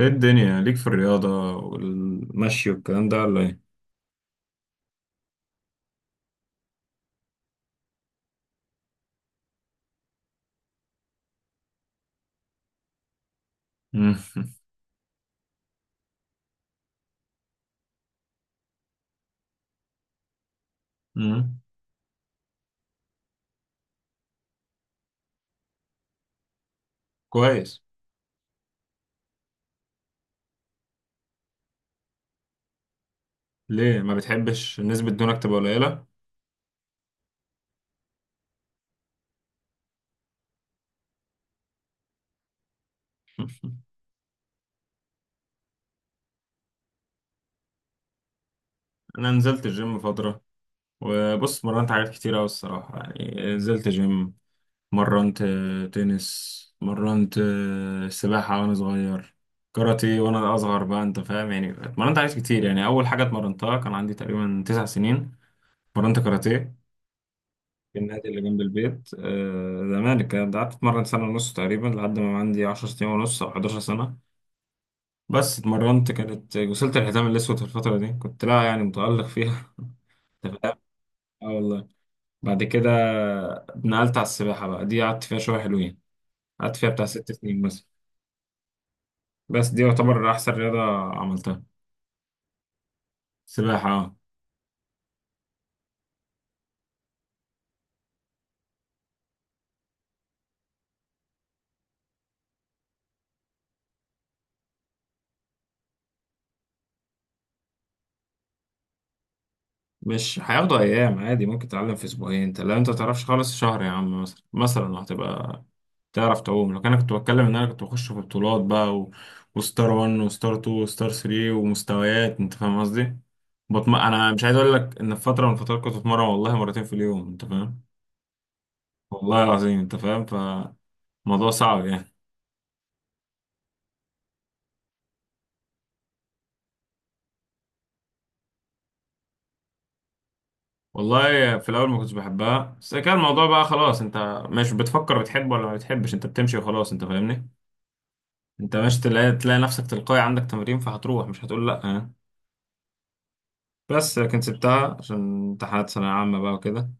ايه الدنيا ليك في الرياضة والمشي والكلام ده ولا ايه؟ مم. مم. كويس. ليه ما بتحبش نسبة دهونك تبقى قليلة؟ انا نزلت الجيم فترة، وبص مرنت حاجات كتير اوي الصراحة، يعني نزلت جيم، مرنت تنس، مرنت سباحة وانا صغير، كاراتيه وانا اصغر، بقى انت فاهم يعني. مرنت حاجات كتير، يعني اول حاجة اتمرنتها كان عندي تقريبا 9 سنين، مرنت كاراتيه في النادي اللي جنب البيت، زمان كان قعدت اتمرن سنة ونص تقريبا لحد ما عندي 10 سنين ونص او 11 سنة. بس اتمرنت، كانت وصلت الحزام الاسود في الفترة دي، كنت لا يعني متألق فيها. انت فاهم، اه والله. بعد كده نقلت على السباحة، بقى دي قعدت فيها شوية حلوين، قعدت فيها بتاع 6 سنين مثلا، بس دي يعتبر احسن رياضة عملتها، سباحة. مش هياخدوا ايام، عادي ممكن تتعلم في اسبوعين، انت لو انت تعرفش خالص، شهر يا عم، مثلا هتبقى تعرف تعوم. لو كان انا كنت بتكلم ان انا كنت بخش في بطولات بقى، وستار 1 وستار 2 وستار 3 ومستويات، انت فاهم قصدي. انا مش عايز اقول لك ان في فتره من الفترات كنت بتمرن والله مرتين في اليوم، انت فاهم، والله العظيم، انت فاهم، فموضوع صعب يعني. والله في الاول ما كنتش بحبها، بس كان الموضوع بقى خلاص، انت مش بتفكر بتحب ولا ما بتحبش، انت بتمشي وخلاص انت فاهمني. انت مش تلاقي نفسك تلقائي عندك تمرين فهتروح، مش هتقول لا يعني. بس لكن سبتها عشان امتحانات ثانوية عامة بقى وكده.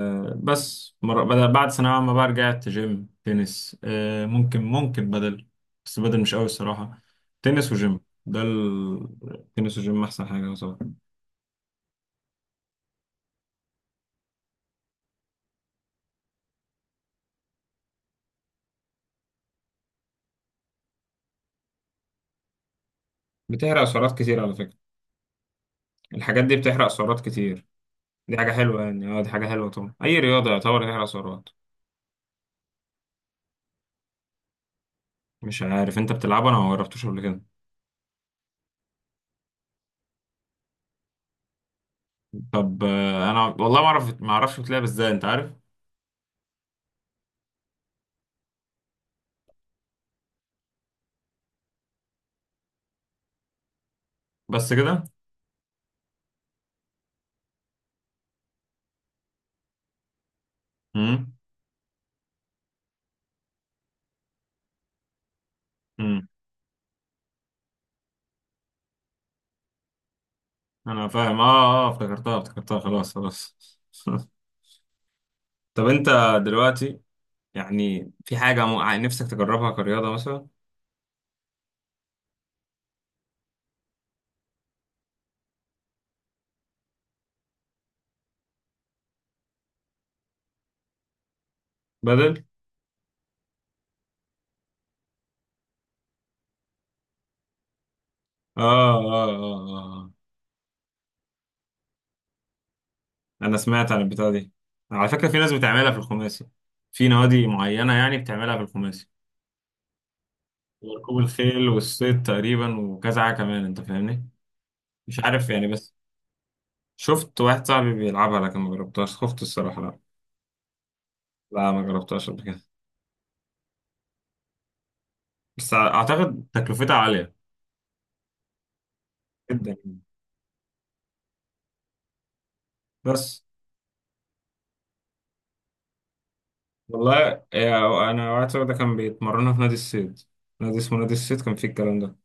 وبس مرة بدل، بعد ثانوية عامة بقى رجعت جيم تنس، ممكن بدل، بس بدل مش قوي الصراحة، تنس وجيم. تنس وجيم أحسن حاجة طبعا. بتحرق سعرات كتير على فكرة، الحاجات دي بتحرق سعرات كتير، دي حاجة حلوة يعني، اه دي حاجة حلوة طبعا، أي رياضة يعتبر تحرق سعرات. مش عارف أنت بتلعبها، أنا ما جربتوش قبل كده. طب انا والله ما اعرفش بتلعب ازاي انت عارف. بس كده. امم. امم. انا فاهم اه. اه افتكرتها افتكرتها، خلاص خلاص. طب انت دلوقتي يعني، في حاجة نفسك تجربها كرياضة مثلا؟ بدل. اه اه اه آه. انا سمعت عن البتاعة دي، على فكرة في ناس بتعملها في الخماسي، في نوادي معينة يعني بتعملها في الخماسي، وركوب الخيل والصيد تقريبا وكذا حاجة كمان انت فاهمني. مش عارف يعني، بس شفت واحد صاحبي بيلعبها، لكن ما جربتهاش، خفت الصراحة، لا، لا ما جربتهاش قبل كده. بس أعتقد تكلفتها عالية جدا يعني. بس والله، أنا واحد صاحبي ده كان بيتمرنها في نادي الصيد، نادي اسمه نادي الصيد كان فيه الكلام ده.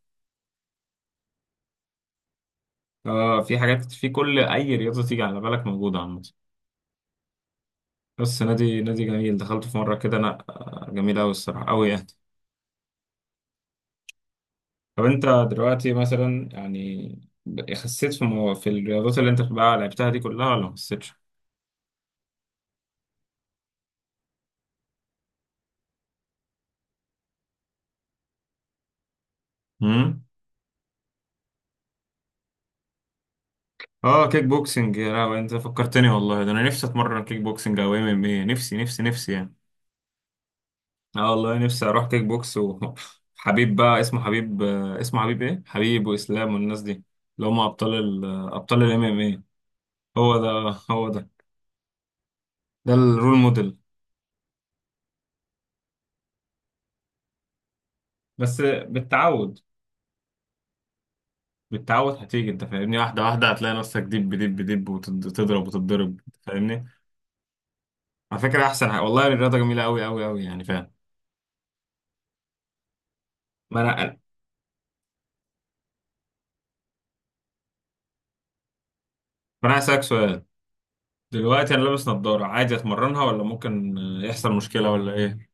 في حاجات، في كل أي رياضة تيجي على بالك موجودة عامة. بس نادي جميل، دخلت في مرة كده أنا، جميل أوي الصراحة أوي يعني. طب أنت دلوقتي مثلا يعني، خسيت في في الرياضات اللي أنت بقى لعبتها دي كلها ولا ما خسيتش؟ اه كيك بوكسنج، يا لهوي، انت فكرتني والله، ده انا نفسي اتمرن كيك بوكسنج او ام ام ايه، نفسي نفسي نفسي يعني. اه والله نفسي اروح كيك بوكس وحبيب بقى، اسمه حبيب، اسمه حبيب ايه، حبيب واسلام والناس دي، اللي هم ابطال ال آه، ابطال الام ام ايه. هو ده، هو ده، ده الرول موديل. بس بالتعود، بالتعود هتيجي انت فاهمني، واحده واحده هتلاقي نفسك دب دب دب، وتضرب وتتضرب انت فاهمني. على فكره احسن حاجة. والله الرياضه جميله قوي قوي قوي يعني فاهم. ما انا ما انا هسألك سؤال. دلوقتي انا لابس نظارة، عادي اتمرنها ولا ممكن يحصل مشكلة ولا ايه؟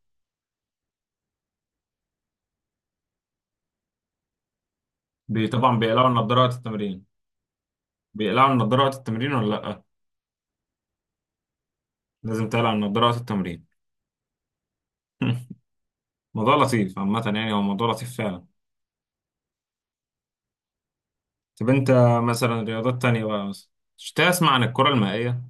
طبعا بيقلعوا النظارة وقت التمرين. بيقلعوا النظارة وقت التمرين ولا لا؟ لازم تقلع النظارة وقت التمرين. موضوع لطيف عامة يعني، هو موضوع لطيف فعلا. طب انت مثلا، رياضات تانية بقى مثلا، مش تسمع عن الكرة المائية؟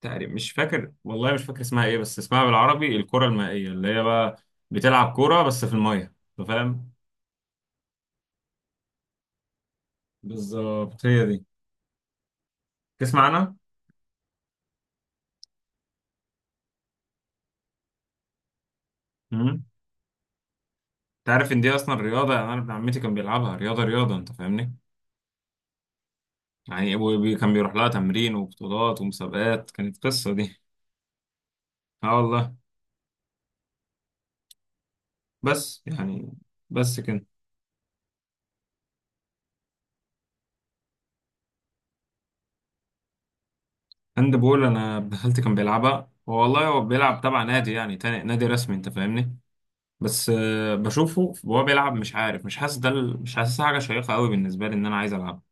تقريبا مش فاكر والله، مش فاكر اسمها ايه، بس اسمها بالعربي الكرة المائية، اللي هي بقى بتلعب كورة بس في المية أنت فاهم. بالظبط هي دي. تسمع عنها؟ تعرف ان دي اصلا رياضه؟ يعني انا ابن عمتي كان بيلعبها رياضه رياضه انت فاهمني. يعني ابوي كان بيروح لها تمرين وبطولات ومسابقات، كانت قصه دي. اه والله. بس يعني، بس كده. هاند بول، انا ابن خالتي كان بيلعبها، هو والله هو بيلعب تبع نادي، يعني تاني نادي رسمي انت فاهمني. بس بشوفه وهو بيلعب، مش عارف، مش حاسس، مش حاسسها حاجه شيقه قوي بالنسبه لي ان انا عايز العبها.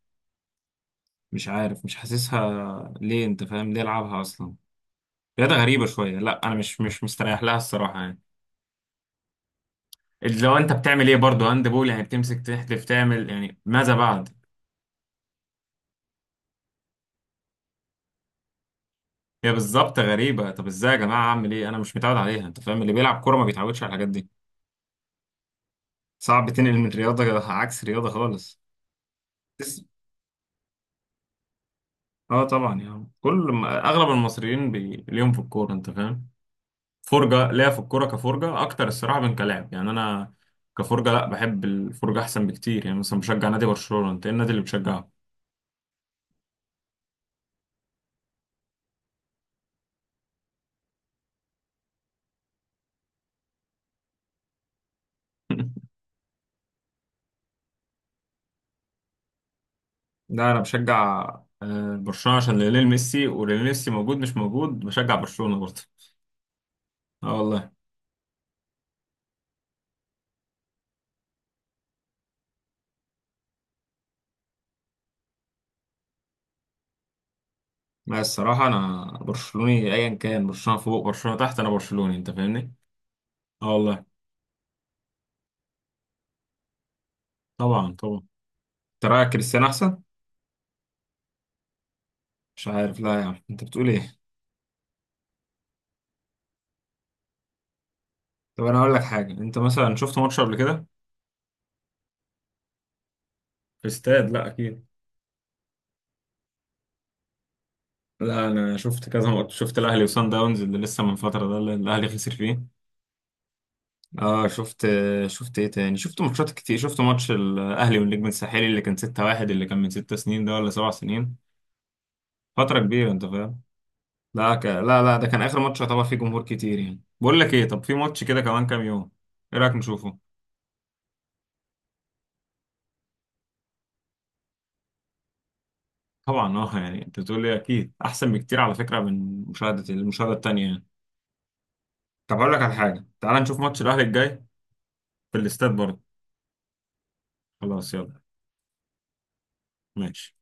مش عارف مش حاسسها ليه، انت فاهم ليه العبها اصلا؟ رياضه غريبه شويه، لا انا مش مستريح لها الصراحه يعني. لو انت بتعمل ايه برضه هاند بول يعني، بتمسك تحدف تعمل يعني ماذا بعد؟ هي بالظبط غريبة. طب ازاي يا جماعة، اعمل ايه، انا مش متعود عليها انت فاهم، اللي بيلعب كورة ما بيتعودش على الحاجات دي. صعب تنقل من رياضة عكس رياضة خالص. بس- اه طبعا يعني، كل ما اغلب المصريين ليهم في الكورة انت فاهم، فرجة ليا في الكورة، كفرجة اكتر الصراحة من كلاعب يعني. انا كفرجة، لا بحب الفرجة احسن بكتير، يعني مثلا بشجع نادي برشلونة، انت ايه النادي اللي بتشجعه؟ لا انا بشجع برشلونه عشان ليونيل ميسي، وليونيل ميسي موجود مش موجود بشجع برشلونه برضه. اه والله. لا الصراحه انا برشلوني، ايا كان برشلونه فوق برشلونه تحت انا برشلوني انت فاهمني. اه والله. طبعا طبعا. انت رايك كريستيانو احسن؟ مش عارف، لا يا عم، انت بتقول ايه. طب انا اقول لك حاجه، انت مثلا شفت ماتش قبل كده في استاد؟ لا اكيد. لا انا شفت كذا ماتش، شفت الاهلي وصن داونز اللي لسه من فتره ده، اللي الاهلي خسر فيه. اه شفت. شفت ايه تاني، شفت ماتشات كتير، شفت ماتش الاهلي والنجم الساحلي اللي كان 6-1، اللي كان من 6 سنين ده ولا 7 سنين، فترة كبيرة انت فاهم. لا لا لا ده كان اخر ماتش يعتبر فيه جمهور كتير يعني. بقول لك ايه، طب في ماتش كده كمان كام يوم، ايه رايك نشوفه؟ طبعا اه يعني، انت بتقول لي اكيد احسن بكتير على فكرة من المشاهدة التانية يعني. طب هقول لك على حاجة، تعال نشوف ماتش الاهلي الجاي في الاستاد برضه. خلاص يلا ماشي.